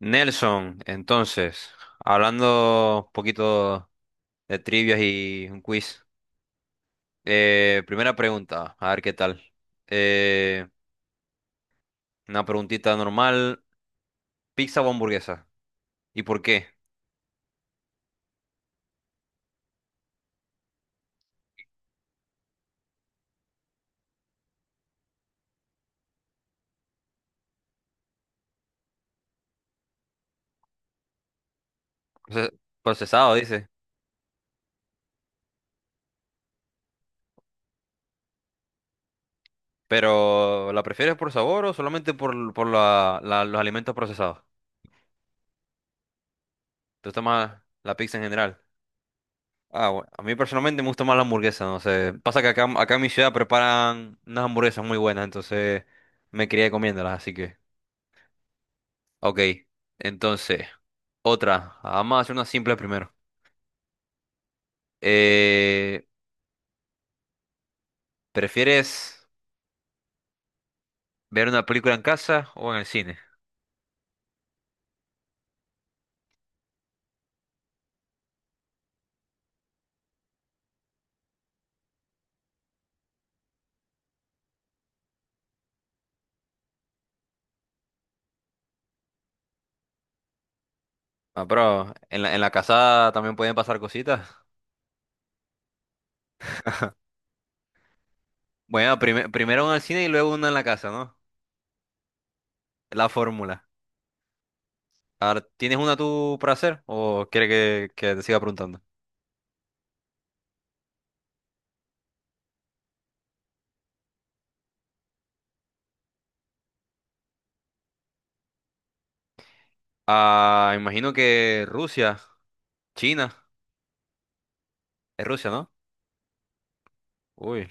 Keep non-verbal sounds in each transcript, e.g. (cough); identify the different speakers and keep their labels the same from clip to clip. Speaker 1: Nelson, entonces, hablando un poquito de trivias y un quiz. Primera pregunta, a ver qué tal. Eh, una preguntita normal, ¿pizza o hamburguesa? ¿Y por qué? Procesado, dice. Pero, ¿la prefieres por sabor o solamente por los alimentos procesados? ¿Tú tomas la pizza en general? Ah, bueno, a mí personalmente me gusta más la hamburguesa, no sé. Pasa que acá en mi ciudad preparan unas hamburguesas muy buenas, entonces me crié comiéndolas, así que... Ok, entonces, otra. Vamos a hacer una simple primero. Eh, ¿Prefieres ver una película en casa o en el cine? Ah, pero en la casa también pueden pasar cositas. Bueno, primero una en el cine y luego una en la casa, ¿no? La fórmula. Ahora, ¿tienes una tú para hacer o quieres que te siga preguntando? Ah, imagino que Rusia, China, es Rusia, ¿no? Uy.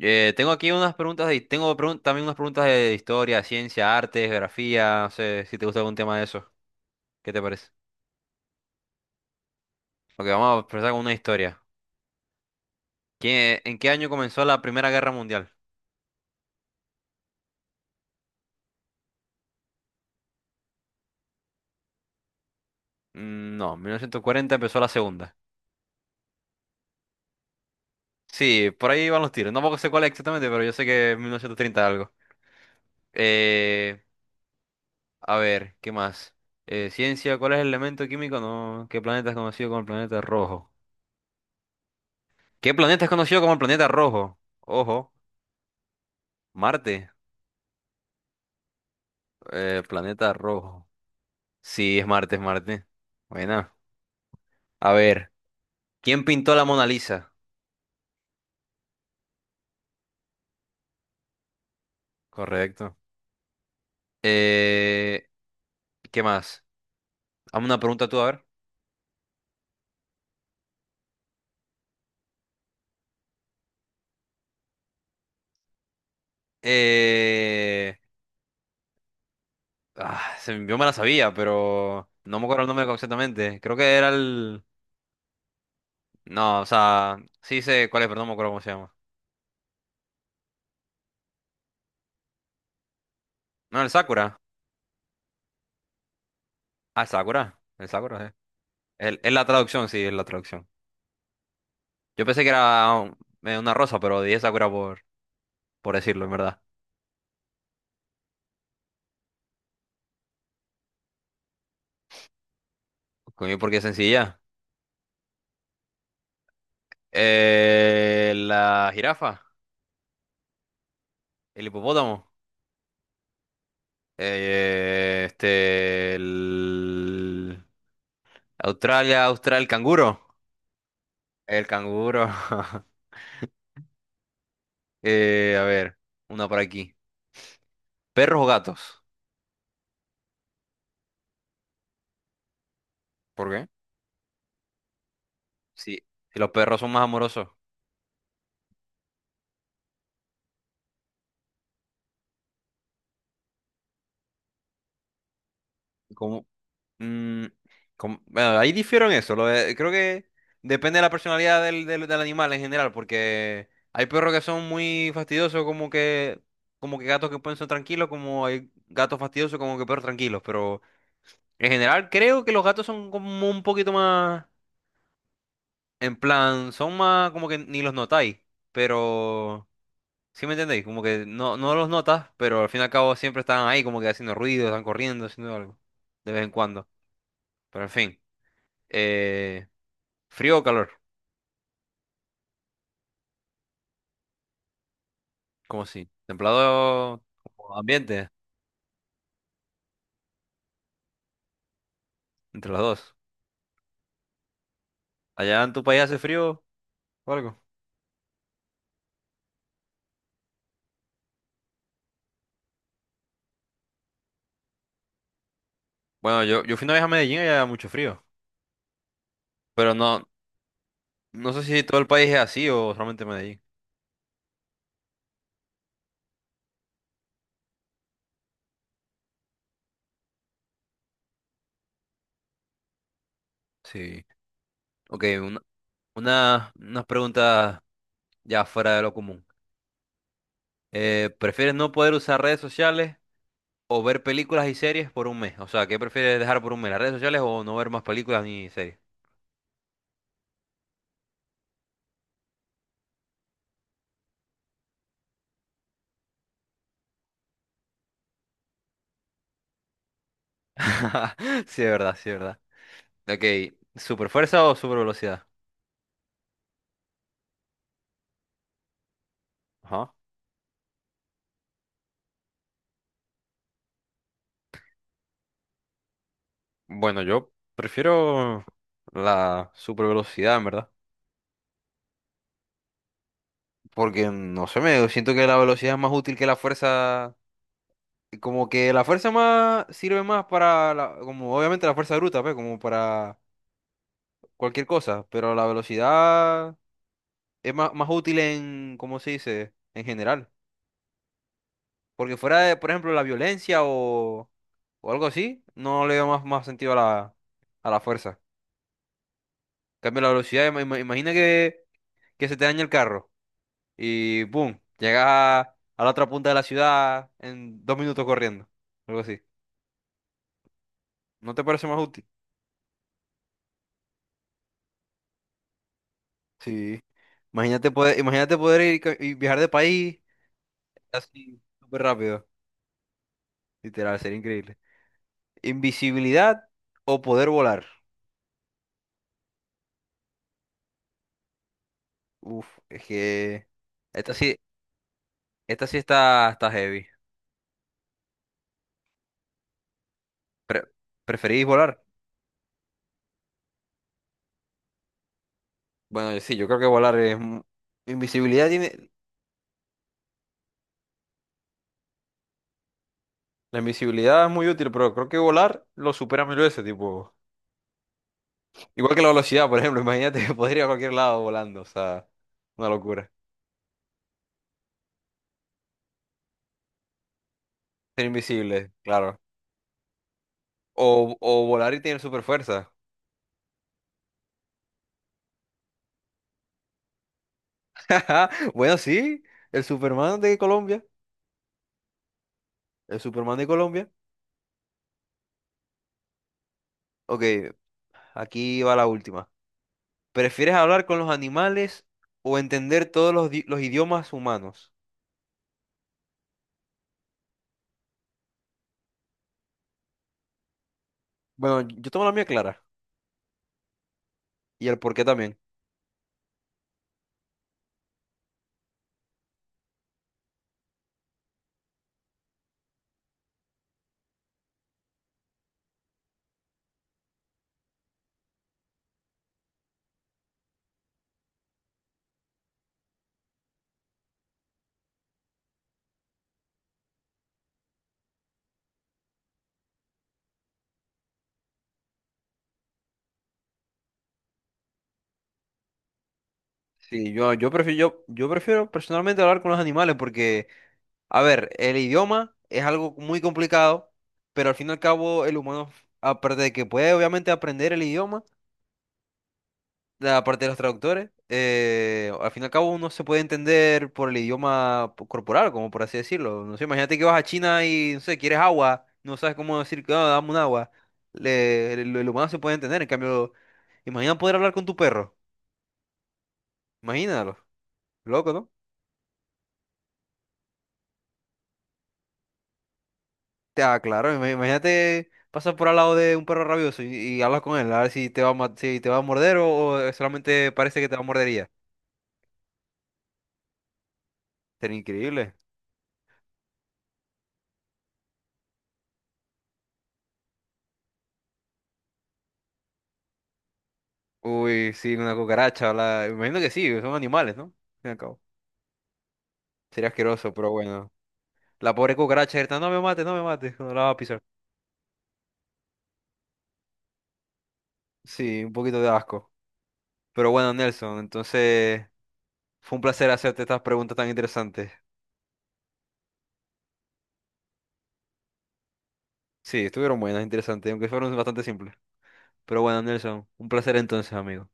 Speaker 1: Tengo aquí unas preguntas, también unas preguntas de historia, ciencia, arte, geografía, no sé si te gusta algún tema de eso. ¿Qué te parece? Ok, vamos a empezar con una historia. ¿En qué año comenzó la Primera Guerra Mundial? No, 1940 empezó la Segunda. Sí, por ahí van los tiros. No sé cuál es exactamente, pero yo sé que es 1930 algo. Eh, ¿Qué más? Ciencia, ¿cuál es el elemento químico? No, ¿qué planeta es conocido como el planeta rojo? ¿Qué planeta es conocido como el planeta rojo? Ojo, Marte. Planeta rojo. Sí, es Marte, es Marte. Bueno, a ver, ¿quién pintó la Mona Lisa? Correcto. Eh, ¿Qué más? Hazme una pregunta tú, a ver. Eh, ah, se Yo me la sabía, pero no me acuerdo el nombre exactamente. Creo que era el... No, o sea, sí sé cuál es, pero no me acuerdo cómo se llama. No, el Sakura. Ah, el Sakura. El Sakura, sí. Es la traducción, sí, es la traducción. Yo pensé que era una rosa, pero dije Sakura por decirlo, en verdad. Coño, porque es sencilla. La jirafa, el hipopótamo, este, el Australia, el canguro, el canguro. (laughs) Eh, a ver, una por aquí. ¿Perros o gatos? ¿Por qué? Sí, si los perros son más amorosos. ¿Cómo? Mm, bueno, ahí difiero en eso. Creo que depende de la personalidad del animal en general, porque hay perros que son muy fastidiosos, como que gatos que pueden ser tranquilos, como hay gatos fastidiosos, como que perros tranquilos. Pero en general creo que los gatos son como un poquito más, en plan, son más como que ni los notáis, pero... ¿Sí me entendéis? Como que no los notas, pero al fin y al cabo siempre están ahí como que haciendo ruido, están corriendo, haciendo algo, de vez en cuando. Pero en fin. Eh, ¿Frío o calor? ¿Cómo así? ¿Templado como ambiente? Entre los dos. ¿Allá en tu país hace frío o algo? Bueno, yo fui una vez a Medellín y había mucho frío. Pero no, no sé si todo el país es así o solamente Medellín. Sí. Ok, unas preguntas ya fuera de lo común. ¿Prefieres no poder usar redes sociales o ver películas y series por un mes? O sea, ¿qué prefieres dejar por un mes? ¿Las redes sociales o no ver más películas ni series? (laughs) Sí, es verdad, sí, es verdad. Ok, ¿super fuerza o super velocidad? Ajá. Bueno, yo prefiero la super velocidad, en ¿verdad? Porque no sé, me siento que la velocidad es más útil que la fuerza. Como que la fuerza más sirve más para como obviamente la fuerza bruta, pues, como para cualquier cosa, pero la velocidad es más útil en, ¿cómo se dice? En general. Porque fuera de, por ejemplo, la violencia o algo así, no le veo más sentido a a la fuerza. En cambio, la velocidad, imagina que se te daña el carro. Y boom, llegas a la otra punta de la ciudad en 2 minutos corriendo. Algo así. ¿No te parece más útil? Sí. Imagínate poder ir ca- y viajar de país así súper rápido. Literal, sería increíble. Invisibilidad o poder volar. Uf, es que esta sí, esta sí está heavy. Pre- ¿Preferís volar? Bueno, sí, yo creo que volar es... Invisibilidad tiene... La invisibilidad es muy útil, pero creo que volar lo supera mil veces, tipo... Igual que la velocidad, por ejemplo, (laughs) imagínate que podría ir a cualquier lado volando, o sea, una locura. Ser invisible, claro. O volar y tener super fuerza. (laughs) Bueno, sí, el Superman de Colombia. El Superman de Colombia. Ok, aquí va la última. ¿Prefieres hablar con los animales o entender todos los idiomas humanos? Bueno, yo tengo la mía clara y el por qué también. Sí, yo prefiero personalmente hablar con los animales porque, a ver, el idioma es algo muy complicado, pero al fin y al cabo el humano, aparte de que puede obviamente aprender el idioma, la parte de los traductores, al fin y al cabo uno se puede entender por el idioma corporal, como por así decirlo. No sé, imagínate que vas a China y, no sé, quieres agua, no sabes cómo decir, "Ah, dame un agua." El humano se puede entender, en cambio, imagina poder hablar con tu perro, imagínalo, loco, ¿no? Ah, claro, imagínate pasar por al lado de un perro rabioso y hablas con él, a ver si te va si te va a morder o solamente parece que te va a morder y ya. Sería increíble. Uy, sí, una cucaracha, la... imagino que sí, son animales, ¿no? Al fin y al cabo. Sería asqueroso, pero bueno. La pobre cucaracha grita, no me mates, no me mates, no la va a pisar. Sí, un poquito de asco. Pero bueno, Nelson, entonces fue un placer hacerte estas preguntas tan interesantes. Sí, estuvieron buenas, interesantes, aunque fueron bastante simples. Pero bueno, Nelson, un placer entonces, amigo.